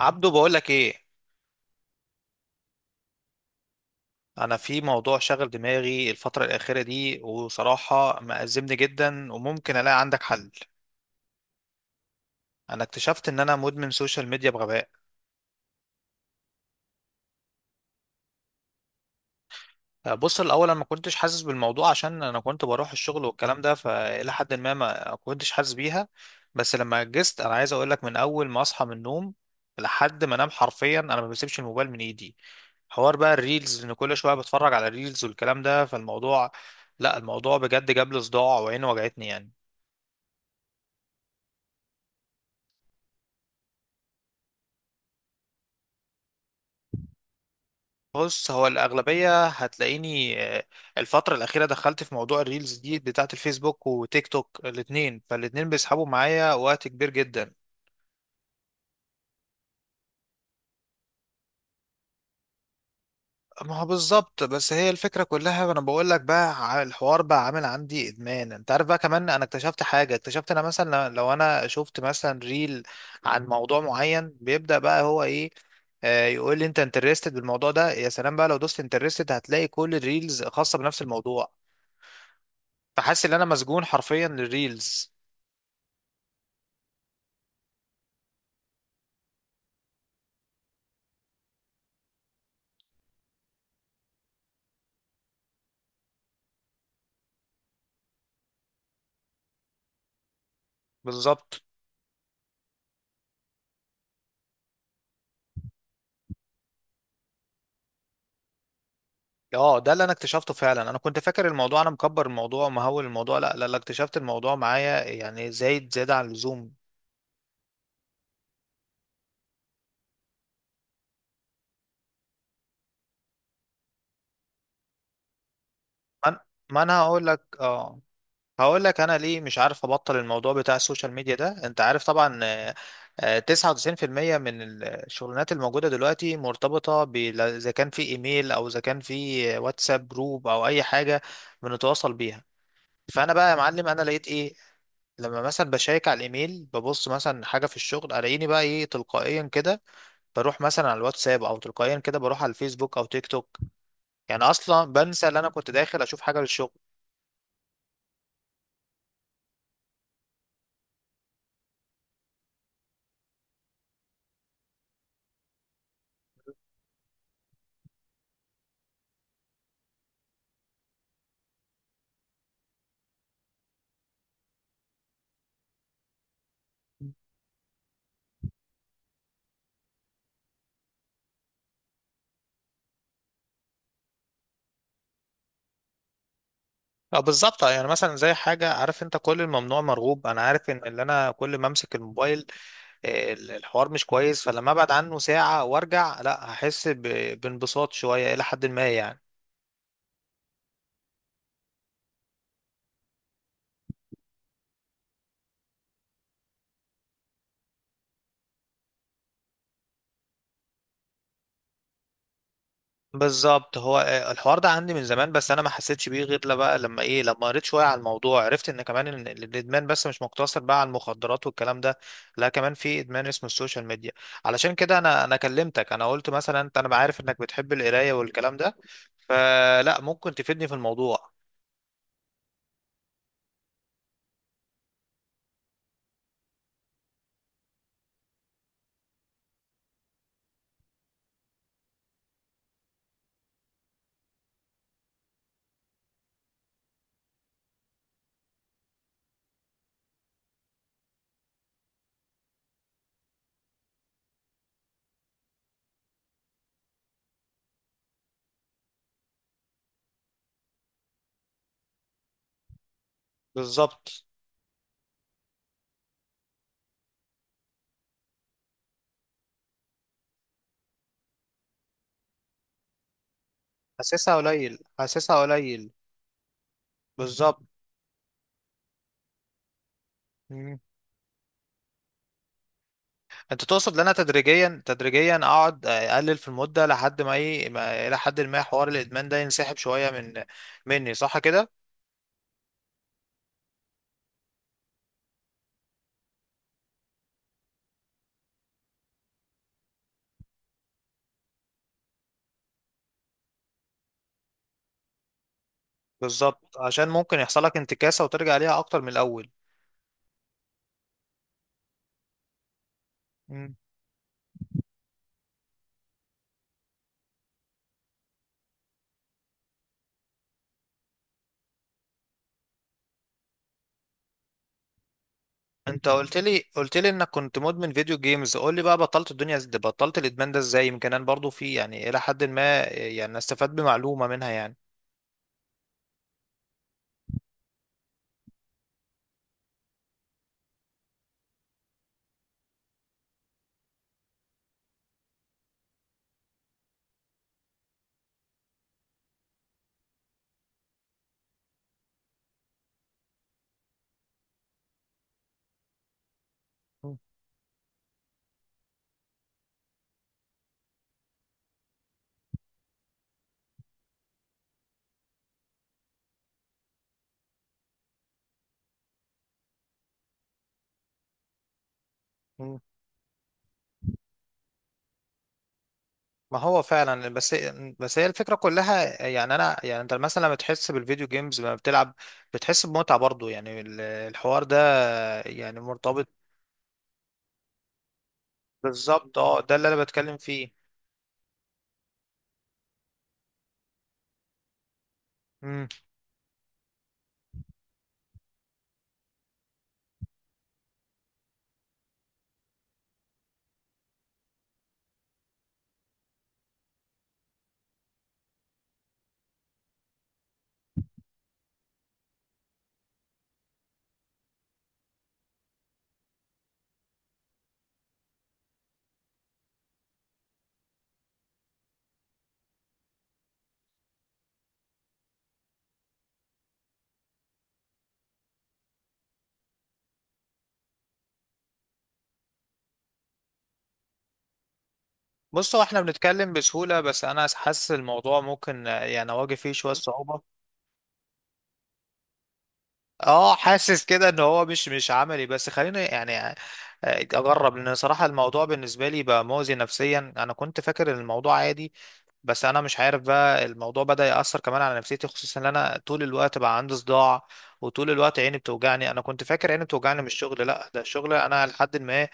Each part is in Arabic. عبدو بقول لك ايه؟ انا في موضوع شغل دماغي الفتره الاخيره دي، وصراحه مأزمني جدا وممكن الاقي عندك حل. انا اكتشفت ان انا مدمن سوشيال ميديا بغباء. بص الاول، انا ما كنتش حاسس بالموضوع عشان انا كنت بروح الشغل والكلام ده، فالى حد ما ما كنتش حاسس بيها. بس لما جست، انا عايز اقول لك من اول ما اصحى من النوم لحد ما انام حرفيا انا ما بسيبش الموبايل من ايدي. حوار بقى الريلز، ان كل شويه بتفرج على الريلز والكلام ده. فالموضوع، لا الموضوع بجد جاب لي صداع وعيني وجعتني يعني. بص هو الأغلبية هتلاقيني الفترة الأخيرة دخلت في موضوع الريلز دي بتاعة الفيسبوك وتيك توك، الاتنين فالاتنين بيسحبوا معايا وقت كبير جدا. ما هو بالظبط، بس هي الفكرة كلها. أنا بقول لك بقى، الحوار بقى عامل عندي إدمان. أنت عارف بقى، كمان أنا اكتشفت حاجة، اكتشفت أنا مثلا لو أنا شفت مثلا ريل عن موضوع معين، بيبدأ بقى هو إيه؟ يقول لي انت انترستد بالموضوع ده. يا سلام بقى، لو دوست انترستد هتلاقي كل الريلز خاصة بنفس الموضوع. فحاسس ان انا مسجون حرفيا للريلز. بالظبط، اه ده اللي انا اكتشفته فعلا. انا كنت فاكر الموضوع انا مكبر الموضوع ومهول الموضوع، لا لا لا، اكتشفت الموضوع معايا يعني زايد زيادة عن اللزوم. ما أنا- ما انا هقول لك ليه مش عارف ابطل الموضوع بتاع السوشيال ميديا ده. انت عارف طبعا، 99% من الشغلانات الموجودة دلوقتي مرتبطة اذا كان في ايميل او اذا كان في واتساب جروب او اي حاجة بنتواصل بيها. فانا بقى يا معلم، انا لقيت ايه؟ لما مثلا بشيك على الايميل، ببص مثلا حاجه في الشغل، الاقيني بقى ايه تلقائيا كده بروح مثلا على الواتساب، او تلقائيا كده بروح على الفيسبوك او تيك توك. يعني اصلا بنسى ان انا كنت داخل اشوف حاجه للشغل. اه بالظبط، يعني مثلا زي حاجه، عارف انت كل الممنوع مرغوب. انا عارف ان اللي انا كل ما امسك الموبايل، الحوار مش كويس. فلما ابعد عنه ساعه وارجع، لا هحس بانبساط شويه الى حد ما يعني. بالظبط، هو الحوار ده عندي من زمان، بس انا ما حسيتش بيه غير لا بقى لما ايه، لما قريت شويه على الموضوع، عرفت ان كمان إن الادمان بس مش مقتصر بقى على المخدرات والكلام ده. لا كمان في ادمان اسمه السوشيال ميديا. علشان كده انا كلمتك. انا قلت مثلا انت، انا عارف انك بتحب القرايه والكلام ده، فلا ممكن تفيدني في الموضوع. بالظبط. حاسسها قليل، حاسسها قليل. بالظبط. انت تقصد ان انا تدريجيا تدريجيا اقعد اقلل في المده لحد ما ايه الى حد ما حوار الادمان ده ينسحب شويه من مني، صح كده؟ بالظبط، عشان ممكن يحصل لك انتكاسه وترجع ليها اكتر من الاول. مم. انت قلت لي، قلت لي انك كنت مدمن فيديو جيمز. قول لي بقى، بطلت الدنيا ازاي، بطلت الادمان ده ازاي، يمكن انا برضو في يعني الى حد ما يعني استفاد بمعلومه منها يعني. مم. ما هو فعلا بس، بس هي الفكره كلها يعني. انا يعني انت مثلا لما تحس بالفيديو جيمز، لما بتلعب بتحس بمتعه برضو يعني، الحوار ده يعني مرتبط. بالظبط، اه ده اللي انا بتكلم فيه. امم بص هو احنا بنتكلم بسهوله، بس انا حاسس الموضوع ممكن يعني اواجه فيه شويه صعوبه. اه حاسس كده ان هو مش عملي، بس خليني يعني اجرب لان صراحه الموضوع بالنسبه لي بقى مؤذي نفسيا. انا كنت فاكر إن الموضوع عادي، بس انا مش عارف بقى الموضوع بدأ يأثر كمان على نفسيتي، خصوصا ان انا طول الوقت بقى عندي صداع وطول الوقت عيني بتوجعني. انا كنت فاكر عيني بتوجعني من الشغل، لا ده الشغل انا لحد ما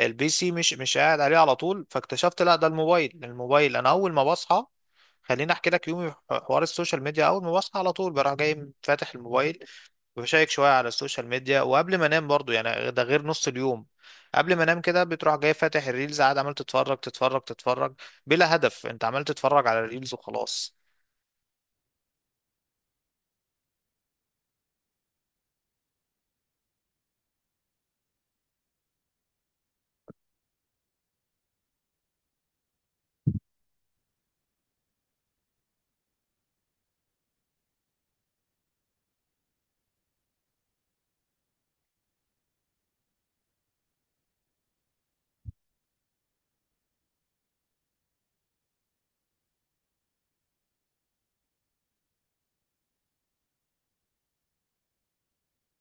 البي سي مش قاعد عليه على طول. فاكتشفت لا ده الموبايل، الموبايل انا اول ما بصحى. خليني احكي لك يومي في حوار السوشيال ميديا. اول ما بصحى على طول بروح جاي فاتح الموبايل وبشيك شوية على السوشيال ميديا، وقبل ما انام برضو، يعني ده غير نص اليوم، قبل ما انام كده بتروح جاي فاتح الريلز، قاعد عمال تتفرج تتفرج تتفرج بلا هدف. انت عمال تتفرج على الريلز وخلاص.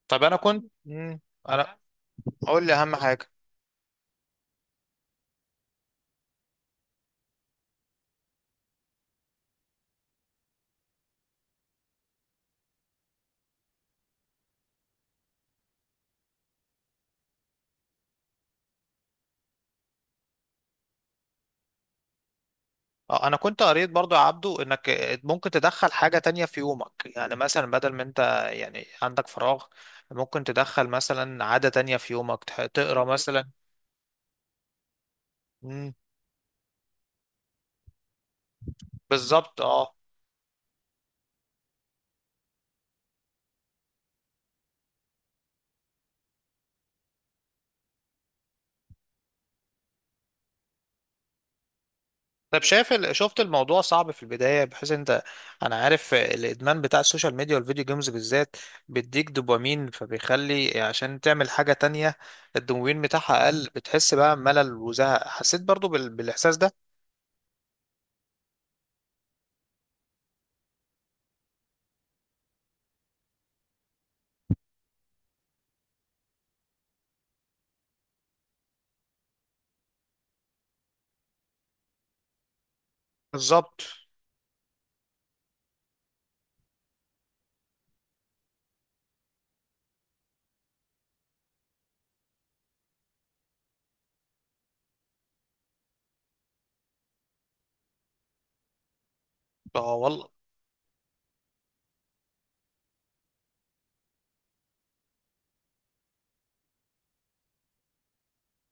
طب انا كنت انا، قول لي اهم حاجة. اه انا كنت قريت برضو يا عبدو انك ممكن تدخل حاجة تانية في يومك، يعني مثلا بدل ما انت يعني عندك فراغ، ممكن تدخل مثلا عادة تانية في يومك، تقرا مثلا. مم. بالظبط اه. طب شايف شفت الموضوع صعب في البداية بحيث انت، انا عارف الادمان بتاع السوشيال ميديا والفيديو جيمز بالذات بيديك دوبامين، فبيخلي عشان تعمل حاجة تانية الدوبامين بتاعها اقل، بتحس بقى ملل وزهق. حسيت برضو بالاحساس ده. بالظبط اه والله.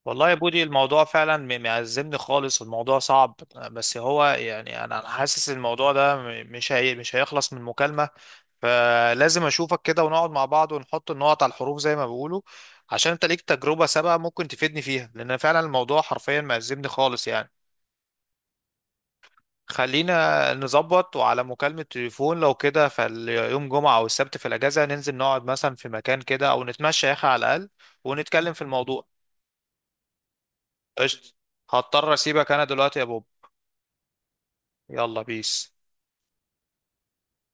والله يا بودي الموضوع فعلا معزمني خالص. الموضوع صعب، بس هو يعني أنا حاسس إن الموضوع ده مش هيخلص من مكالمة. فلازم اشوفك كده ونقعد مع بعض ونحط النقط على الحروف زي ما بيقولوا، عشان انت ليك تجربة سابقة ممكن تفيدني فيها، لان فعلا الموضوع حرفيا معزمني خالص يعني. خلينا نظبط وعلى مكالمة تليفون لو كده، فاليوم جمعة او السبت في الاجازة ننزل نقعد مثلا في مكان كده، او نتمشى يا اخي على الاقل ونتكلم في الموضوع. قشطة. هضطر اسيبك انا دلوقتي يا بوب. يلا بيس.